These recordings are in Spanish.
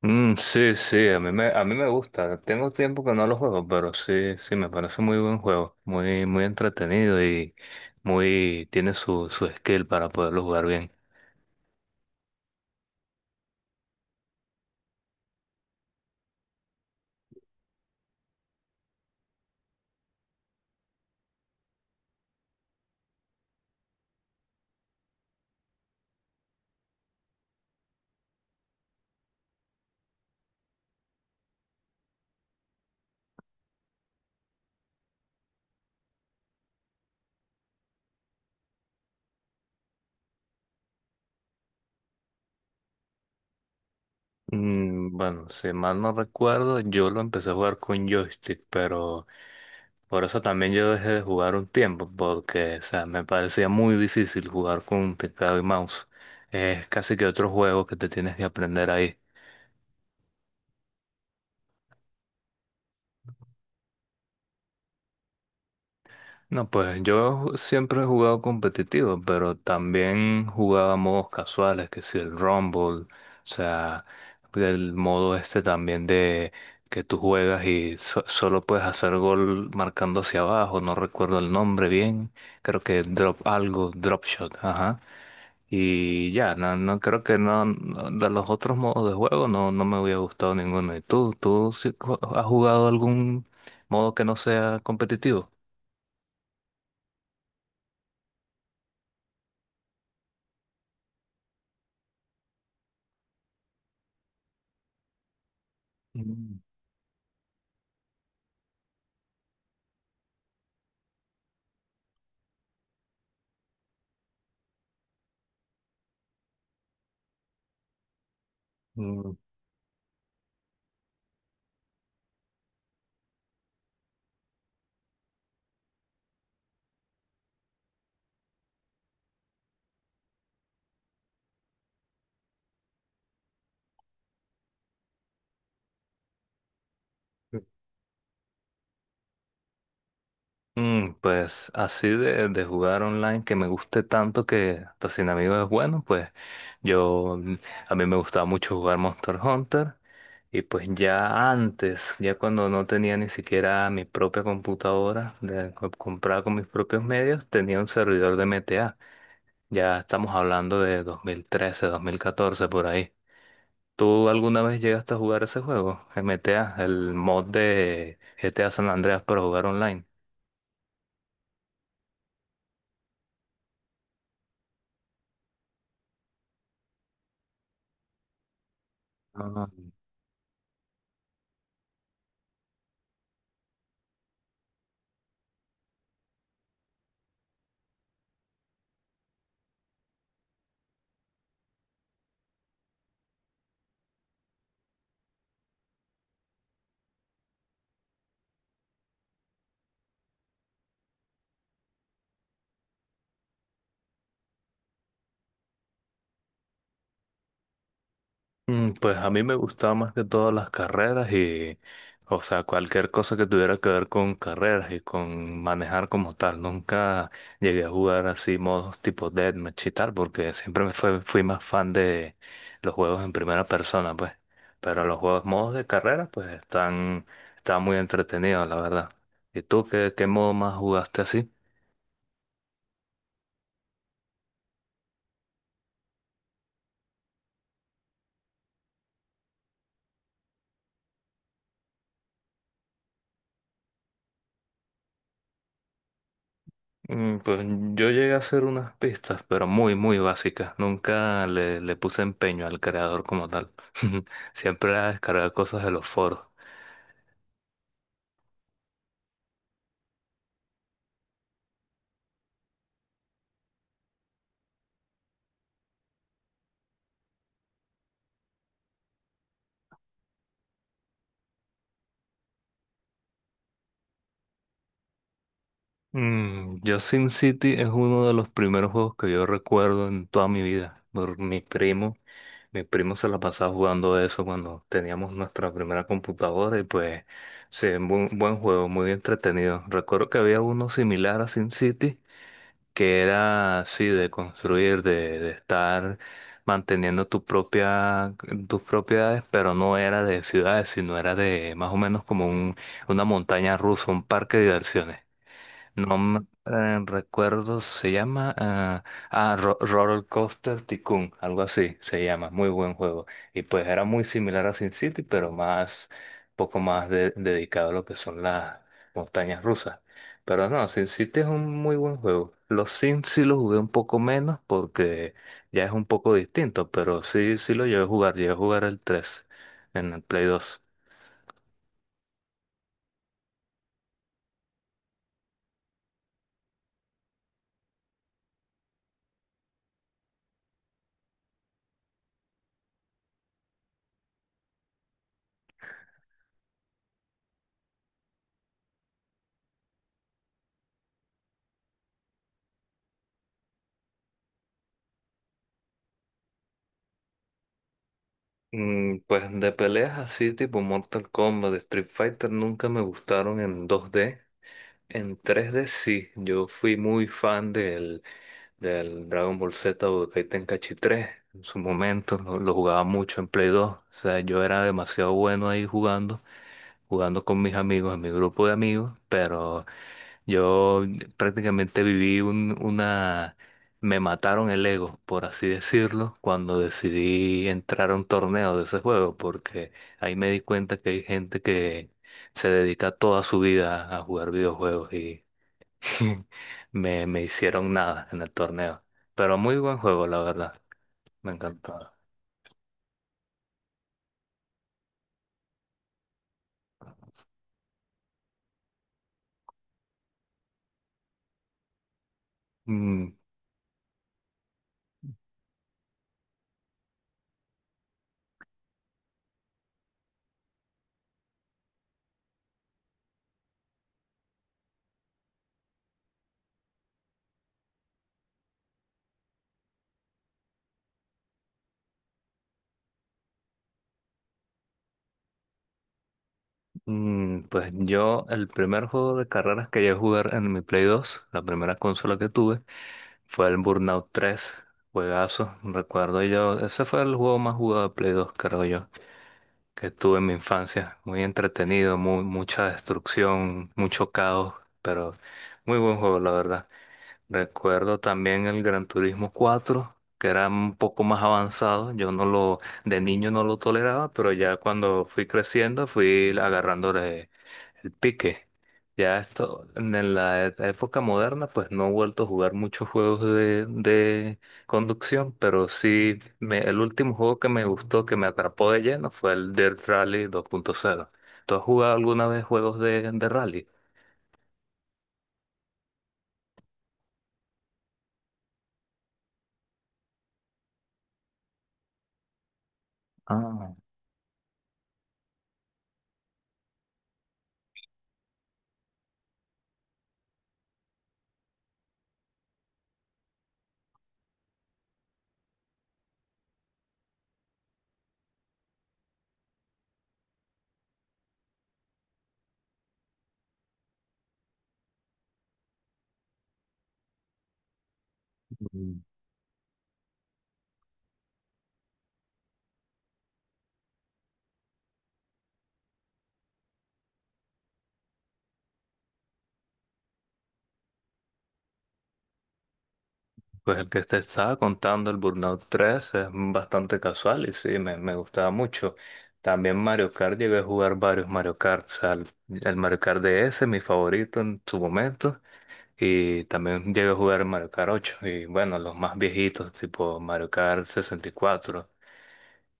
Mm, sí, sí, a mí me gusta. Tengo tiempo que no lo juego, pero sí, sí, me parece muy buen juego. Muy, muy entretenido y tiene su skill para poderlo jugar bien. Mm, bueno, si mal no recuerdo, yo lo empecé a jugar con joystick, pero por eso también yo dejé de jugar un tiempo, porque, o sea, me parecía muy difícil jugar con teclado y mouse. Es casi que otro juego que te tienes que aprender ahí. No, pues yo siempre he jugado competitivo, pero también jugaba modos casuales, que si el Rumble, o sea, el modo este también de que tú juegas y solo puedes hacer gol marcando hacia abajo, no recuerdo el nombre bien, creo que drop algo, drop shot, ajá. Y ya, no, no creo que no, de los otros modos de juego no, no me hubiera gustado ninguno. ¿Y tú sí has jugado algún modo que no sea competitivo? Mm, Pues así de jugar online que me guste tanto que hasta sin amigos es bueno, pues yo mm, a mí me gustaba mucho jugar Monster Hunter y pues ya antes, ya cuando no tenía ni siquiera mi propia computadora comprada con mis propios medios, tenía un servidor de MTA. Ya estamos hablando de dos mil trece 2014 por ahí. ¿Tú alguna vez llegaste a jugar ese juego, MTA, el mod de GTA San Andreas para jugar online? Ah. Pues a mí me gustaban más que todas las carreras y, o sea, cualquier cosa que tuviera que ver con carreras y con manejar como tal. Nunca llegué a jugar así modos tipo deathmatch y tal, porque siempre fui más fan de los juegos en primera persona, pues. Pero los juegos modos de carreras pues están, están muy entretenidos, la verdad. ¿Y tú qué modo más jugaste así? Pues yo llegué a hacer unas pistas, pero muy, muy básicas. Nunca le puse empeño al creador como tal. Siempre era descargar cosas de los foros. Mm, yo Sin City es uno de los primeros juegos que yo recuerdo en toda mi vida. Por mi primo se la pasaba jugando eso cuando teníamos nuestra primera computadora y pues sí, un buen, buen juego, muy entretenido. Recuerdo que había uno similar a Sin City que era así de construir, de estar manteniendo tus propiedades, pero no era de ciudades, sino era de más o menos como una montaña rusa, un parque de diversiones. No me- Recuerdo, se llama Roller Coaster Tycoon, algo así se llama, muy buen juego. Y pues era muy similar a Sin City, pero poco más dedicado a lo que son las montañas rusas. Pero no, Sin City es un muy buen juego. Los Sims sí los jugué un poco menos porque ya es un poco distinto, pero sí, sí lo llevé a jugar el 3 en el Play 2. Pues de peleas así tipo Mortal Kombat, Street Fighter nunca me gustaron en 2D. En 3D sí, yo fui muy fan del Dragon Ball Z Budokai Tenkaichi 3 en su momento, lo jugaba mucho en Play 2. O sea, yo era demasiado bueno ahí jugando con mis amigos, en mi grupo de amigos, pero yo prácticamente viví. Me mataron el ego, por así decirlo, cuando decidí entrar a un torneo de ese juego, porque ahí me di cuenta que hay gente que se dedica toda su vida a jugar videojuegos y me hicieron nada en el torneo. Pero muy buen juego, la verdad. Me encantó. Mm, pues yo, el primer juego de carreras que llegué a jugar en mi Play 2, la primera consola que tuve, fue el Burnout 3 juegazo, recuerdo yo, ese fue el juego más jugado de Play 2, creo yo, que tuve en mi infancia, muy entretenido, mucha destrucción, mucho caos, pero muy buen juego, la verdad. Recuerdo también el Gran Turismo 4 que era un poco más avanzado, yo no lo, de niño no lo toleraba, pero ya cuando fui creciendo fui agarrando el pique. Ya esto, en la época moderna, pues no he vuelto a jugar muchos juegos de conducción, pero sí, el último juego que me gustó, que me atrapó de lleno, fue el Dirt Rally 2.0. ¿Tú has jugado alguna vez juegos de rally? Ah. mm, Pues el que te estaba contando, el Burnout 3 es bastante casual y sí, me gustaba mucho. También Mario Kart, llegué a jugar varios Mario Kart, o sea, el Mario Kart DS, mi favorito en su momento. Y también llegué a jugar Mario Kart 8. Y bueno, los más viejitos, tipo Mario Kart 64 y 4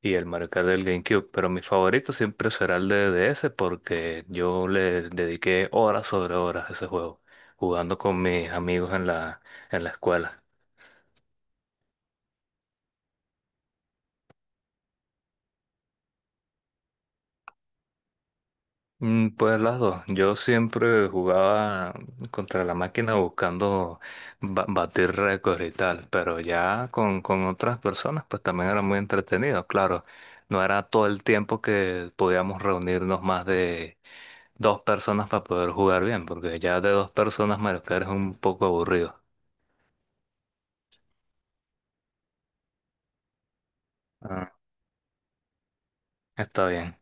y el Mario Kart del GameCube. Pero mi favorito siempre será el de DS porque yo le dediqué horas sobre horas a ese juego, jugando con mis amigos en la escuela. Pues las dos. Yo siempre jugaba contra la máquina buscando batir récords y tal, pero ya con otras personas pues también era muy entretenido, claro. No era todo el tiempo que podíamos reunirnos más de dos personas para poder jugar bien, porque ya de dos personas Mario Kart es un poco aburrido. Ah, está bien.